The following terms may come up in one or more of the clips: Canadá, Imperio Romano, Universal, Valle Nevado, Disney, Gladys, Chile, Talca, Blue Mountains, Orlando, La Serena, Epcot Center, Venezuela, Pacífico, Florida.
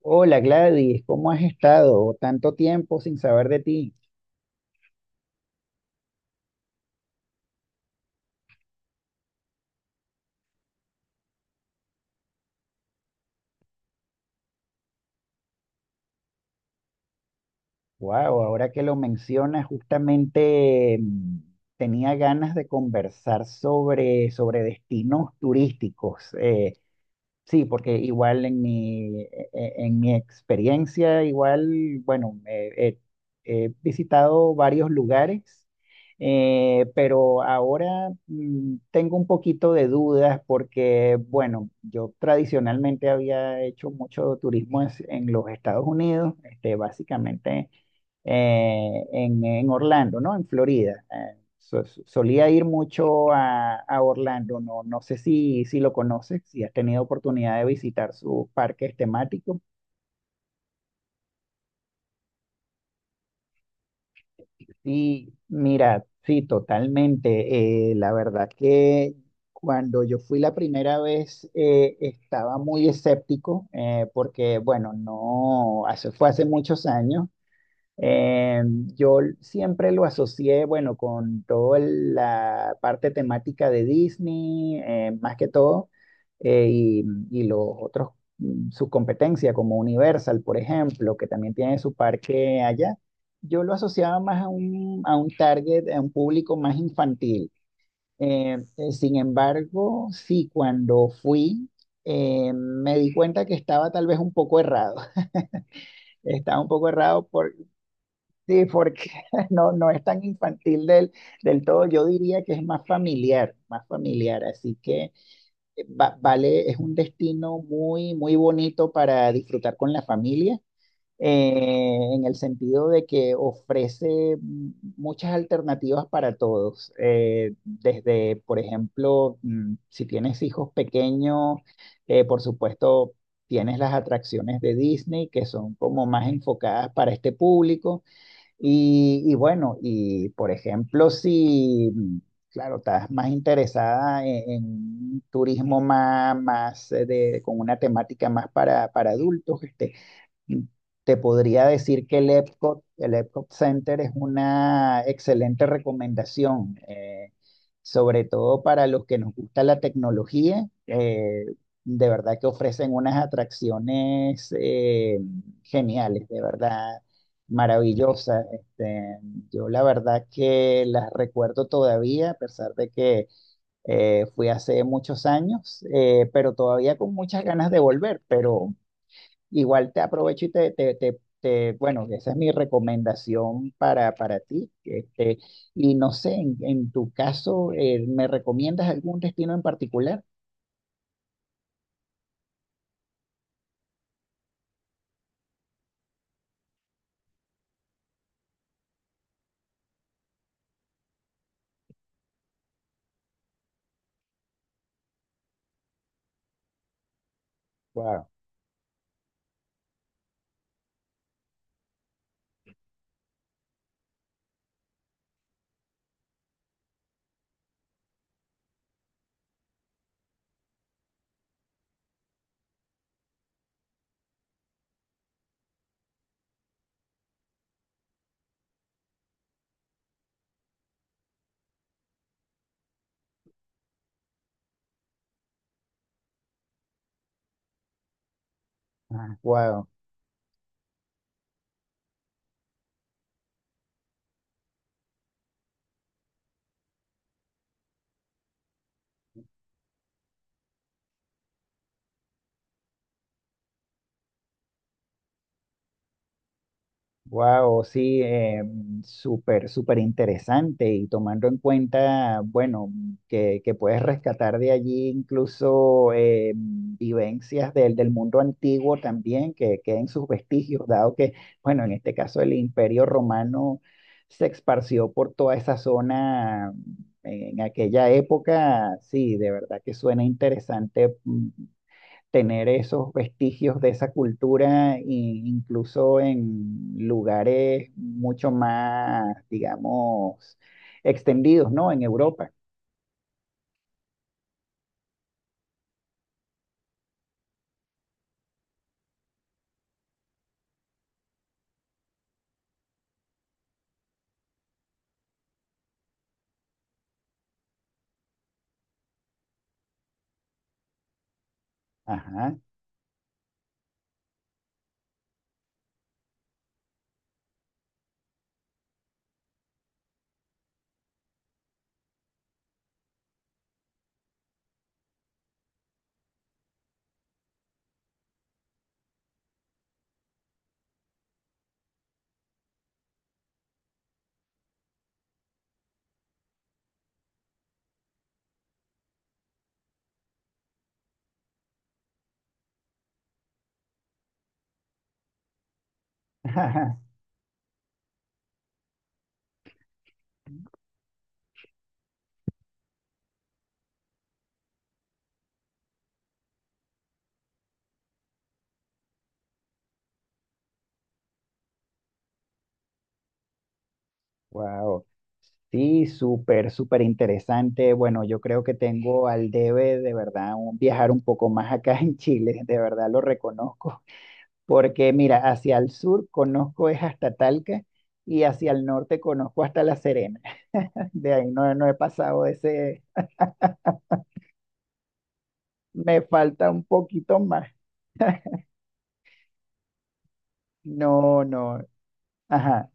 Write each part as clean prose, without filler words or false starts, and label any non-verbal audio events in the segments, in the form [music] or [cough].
Hola Gladys, ¿cómo has estado? Tanto tiempo sin saber de ti. Wow, ahora que lo mencionas, justamente, tenía ganas de conversar sobre destinos turísticos. Sí, porque igual en mi experiencia, igual, bueno, he visitado varios lugares, pero ahora tengo un poquito de dudas porque, bueno, yo tradicionalmente había hecho mucho turismo en los Estados Unidos, este, básicamente en Orlando, ¿no? En Florida. Solía ir mucho a Orlando, no, no sé si lo conoces, si has tenido oportunidad de visitar sus parques temáticos. Sí, mira, sí, totalmente. La verdad que cuando yo fui la primera vez, estaba muy escéptico, porque, bueno, no, hace, fue hace muchos años. Eh, yo siempre lo asocié, bueno, con toda la parte temática de Disney, más que todo, eh, y, y los otros, su competencia como Universal, por ejemplo, que también tiene su parque allá. Yo lo asociaba más a un target, a un público más infantil. Sin embargo, sí, cuando fui, me di cuenta que estaba tal vez un poco errado. [laughs] Estaba un poco errado. Sí, porque [laughs] no, no es tan infantil del todo, yo diría que es más familiar, así que vale, es un destino muy, muy bonito para disfrutar con la familia, en el sentido de que ofrece muchas alternativas para todos, desde, por ejemplo, si tienes hijos pequeños, por supuesto, tienes las atracciones de Disney que son como más enfocadas para este público y bueno, y por ejemplo, si, claro, estás más interesada en un turismo más, más, con una temática más para adultos, este, te podría decir que el Epcot Center es una excelente recomendación, sobre todo para los que nos gusta la tecnología. De verdad que ofrecen unas atracciones geniales, de verdad, maravillosas. Este, yo la verdad que las recuerdo todavía, a pesar de que fui hace muchos años, pero todavía con muchas ganas de volver, pero… Igual te aprovecho y bueno, esa es mi recomendación para ti. Este, y no sé, en tu caso, ¿me recomiendas algún destino en particular? Wow. Ah, guau. Wow, sí, súper, súper interesante y tomando en cuenta, bueno, que puedes rescatar de allí incluso vivencias del mundo antiguo también, que queden sus vestigios, dado que, bueno, en este caso el Imperio Romano se esparció por toda esa zona en aquella época, sí, de verdad que suena interesante. Tener esos vestigios de esa cultura, e incluso en lugares mucho más, digamos, extendidos, ¿no? En Europa. Ajá. [laughs] Wow. Sí, súper, súper interesante. Bueno, yo creo que tengo al debe de verdad viajar un poco más acá en Chile, de verdad lo reconozco, porque mira, hacia el sur conozco es hasta Talca y hacia el norte conozco hasta La Serena. [laughs] De ahí no, no he pasado de ese. Me falta un poquito más. No, no, ajá.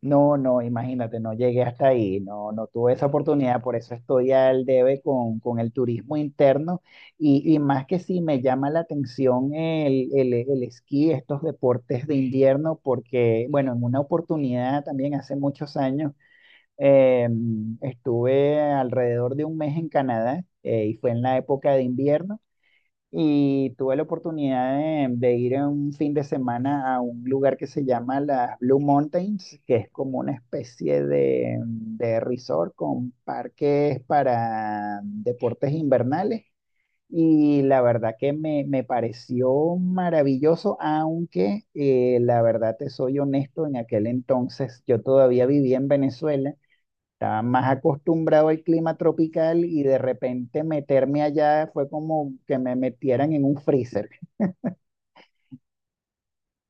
No, no, imagínate, no llegué hasta ahí, no, no tuve esa oportunidad, por eso estoy al debe con el turismo interno y más que sí me llama la atención el esquí, estos deportes de invierno, porque, bueno, en una oportunidad también hace muchos años eh, estuve alrededor de un mes en Canadá, y fue en la época de invierno. Y tuve la oportunidad de ir en un fin de semana a un lugar que se llama las Blue Mountains, que es como una especie de resort con parques para deportes invernales. Y la verdad que me pareció maravilloso, aunque, la verdad te soy honesto, en aquel entonces yo todavía vivía en Venezuela, estaba más acostumbrado al clima tropical y de repente meterme allá fue como que me metieran en un freezer.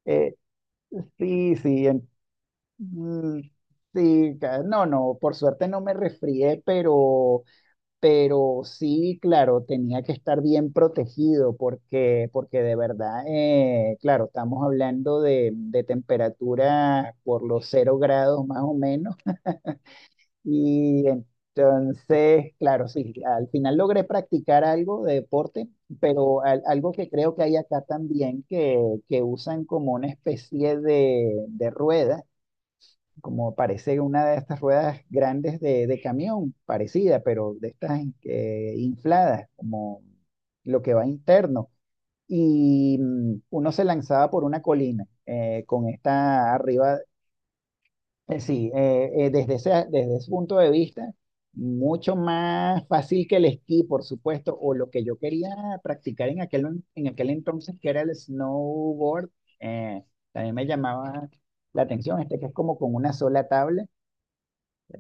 Eh, sí, sí, mm, sí, no, no, por suerte no me resfrié, pero sí, claro, tenía que estar bien protegido porque, porque de verdad, claro, estamos hablando de temperatura por los cero grados más o menos. Y entonces, claro, sí, al final logré practicar algo de deporte, pero algo que creo que hay acá también, que usan como una especie de rueda, como parece una de estas ruedas grandes de camión, parecida, pero de estas infladas, como lo que va interno. Y uno se lanzaba por una colina con esta arriba. Sí, desde ese punto de vista, mucho más fácil que el esquí, por supuesto, o lo que yo quería practicar en aquel entonces, que era el snowboard, eh, también me llamaba la atención, este que es como con una sola tabla,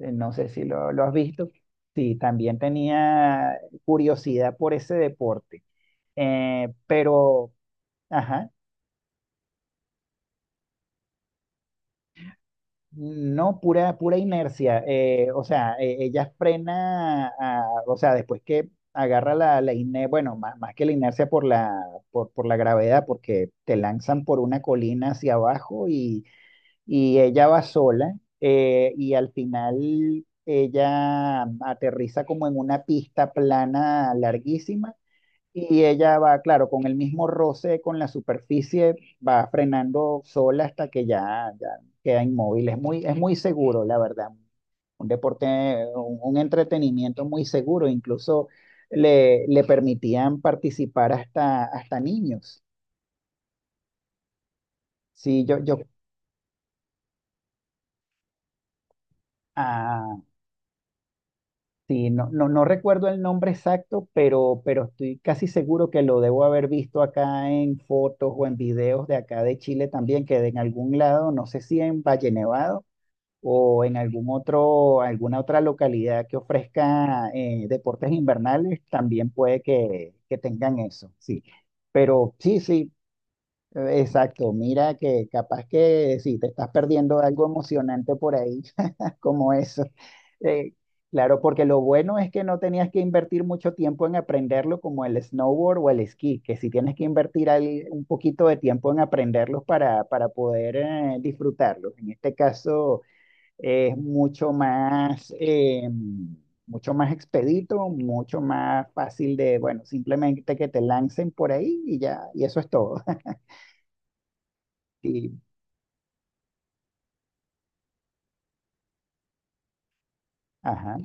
no sé si lo has visto, sí, también tenía curiosidad por ese deporte, pero, ajá. No, pura, pura inercia. O sea, ella frena, o sea, después que agarra la inercia, bueno, más, más que la inercia por la gravedad, porque te lanzan por una colina hacia abajo y ella va sola, y al final ella aterriza como en una pista plana larguísima y ella va, claro, con el mismo roce con la superficie, va frenando sola hasta que ya, ya queda inmóvil. Es muy seguro, la verdad. Un deporte, un entretenimiento muy seguro. Incluso le permitían participar hasta niños. Sí, ah, Sí, no, no, no recuerdo el nombre exacto, pero estoy casi seguro que lo debo haber visto acá en fotos o en videos de acá de Chile también, que de en algún lado, no sé si en Valle Nevado o en algún otro, alguna otra localidad que ofrezca deportes invernales, también puede que tengan eso, sí. Pero sí, sí, exacto, mira que capaz que si te estás perdiendo algo emocionante por ahí, [laughs] como eso. Eh, claro, porque lo bueno es que no tenías que invertir mucho tiempo en aprenderlo como el snowboard o el esquí, que si tienes que invertir ahí un poquito de tiempo en aprenderlos para poder disfrutarlos. En este caso es mucho más expedito, mucho más fácil de, bueno, simplemente que te lancen por ahí y ya, y eso es todo. [laughs] Y ajá,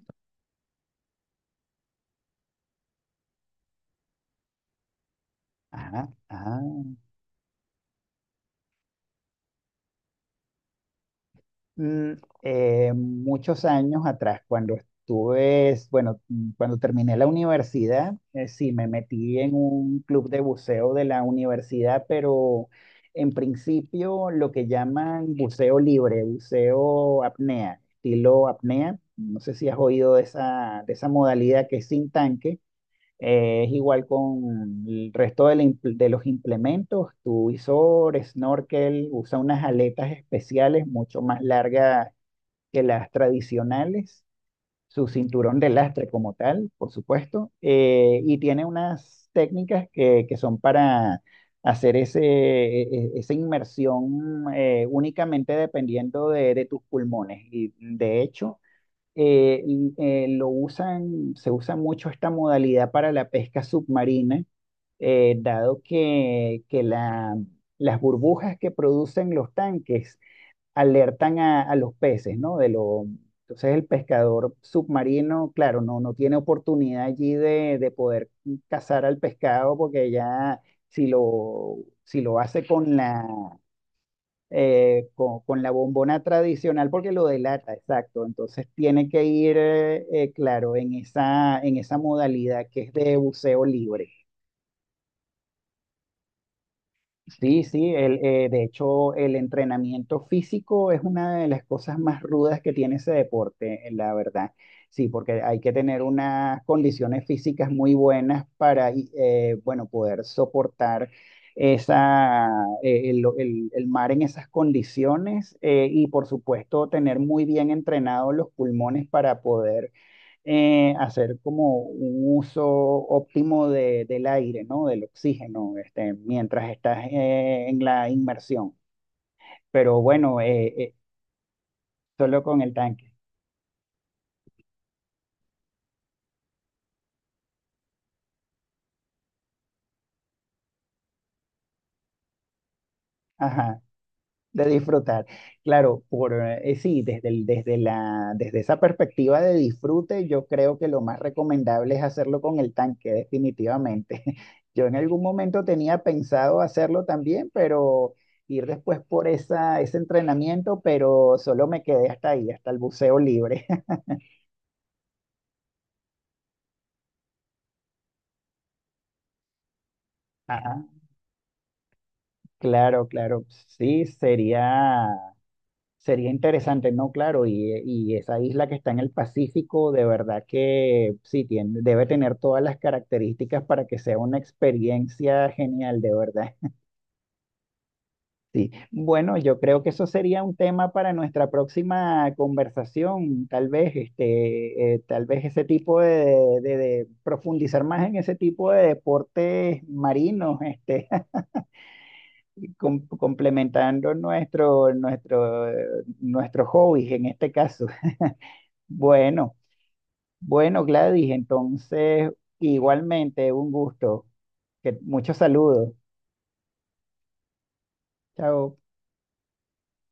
ajá, ajá. Mm, Muchos años atrás, cuando estuve, bueno, cuando terminé la universidad, sí, me metí en un club de buceo de la universidad, pero en principio lo que llaman buceo libre, buceo apnea, estilo apnea. No sé si has oído de esa modalidad que es sin tanque. Es igual con el resto de, de los implementos, tu visor, snorkel, usa unas aletas especiales mucho más largas que las tradicionales, su cinturón de lastre como tal, por supuesto, y tiene unas técnicas que son para hacer ese, esa inmersión únicamente dependiendo de tus pulmones. Y de hecho lo usan, se usa mucho esta modalidad para la pesca submarina, dado que, las burbujas que producen los tanques alertan a los peces, ¿no? De lo, entonces el pescador submarino, claro, no, no tiene oportunidad allí de poder cazar al pescado porque ya si lo, si lo hace con la con la bombona tradicional porque lo delata, exacto. Entonces tiene que ir, claro, en esa modalidad que es de buceo libre. Sí, sí, de hecho el entrenamiento físico es una de las cosas más rudas que tiene ese deporte, la verdad. Sí, porque hay que tener unas condiciones físicas muy buenas para, y, bueno, poder soportar esa, el mar en esas condiciones y por supuesto tener muy bien entrenados los pulmones para poder hacer como un uso óptimo del aire, ¿no? Del oxígeno, este, mientras estás en la inmersión. Pero bueno, solo con el tanque. Ajá. De disfrutar. Claro, por sí, desde la, desde esa perspectiva de disfrute, yo creo que lo más recomendable es hacerlo con el tanque, definitivamente. [laughs] Yo en algún momento tenía pensado hacerlo también, pero ir después por esa, ese entrenamiento, pero solo me quedé hasta ahí, hasta el buceo libre. [laughs] Ah, claro, claro. Sí, sería. Sería interesante, ¿no? Claro, y esa isla que está en el Pacífico, de verdad que sí, tiene, debe tener todas las características para que sea una experiencia genial, de verdad. [laughs] Sí, bueno, yo creo que eso sería un tema para nuestra próxima conversación, tal vez, este, tal vez ese tipo de profundizar más en ese tipo de deportes marinos, este, [laughs] complementando nuestro, nuestro, nuestros hobbies en este caso. Bueno. Bueno, Gladys, entonces igualmente un gusto. Que, muchos saludos. Chao.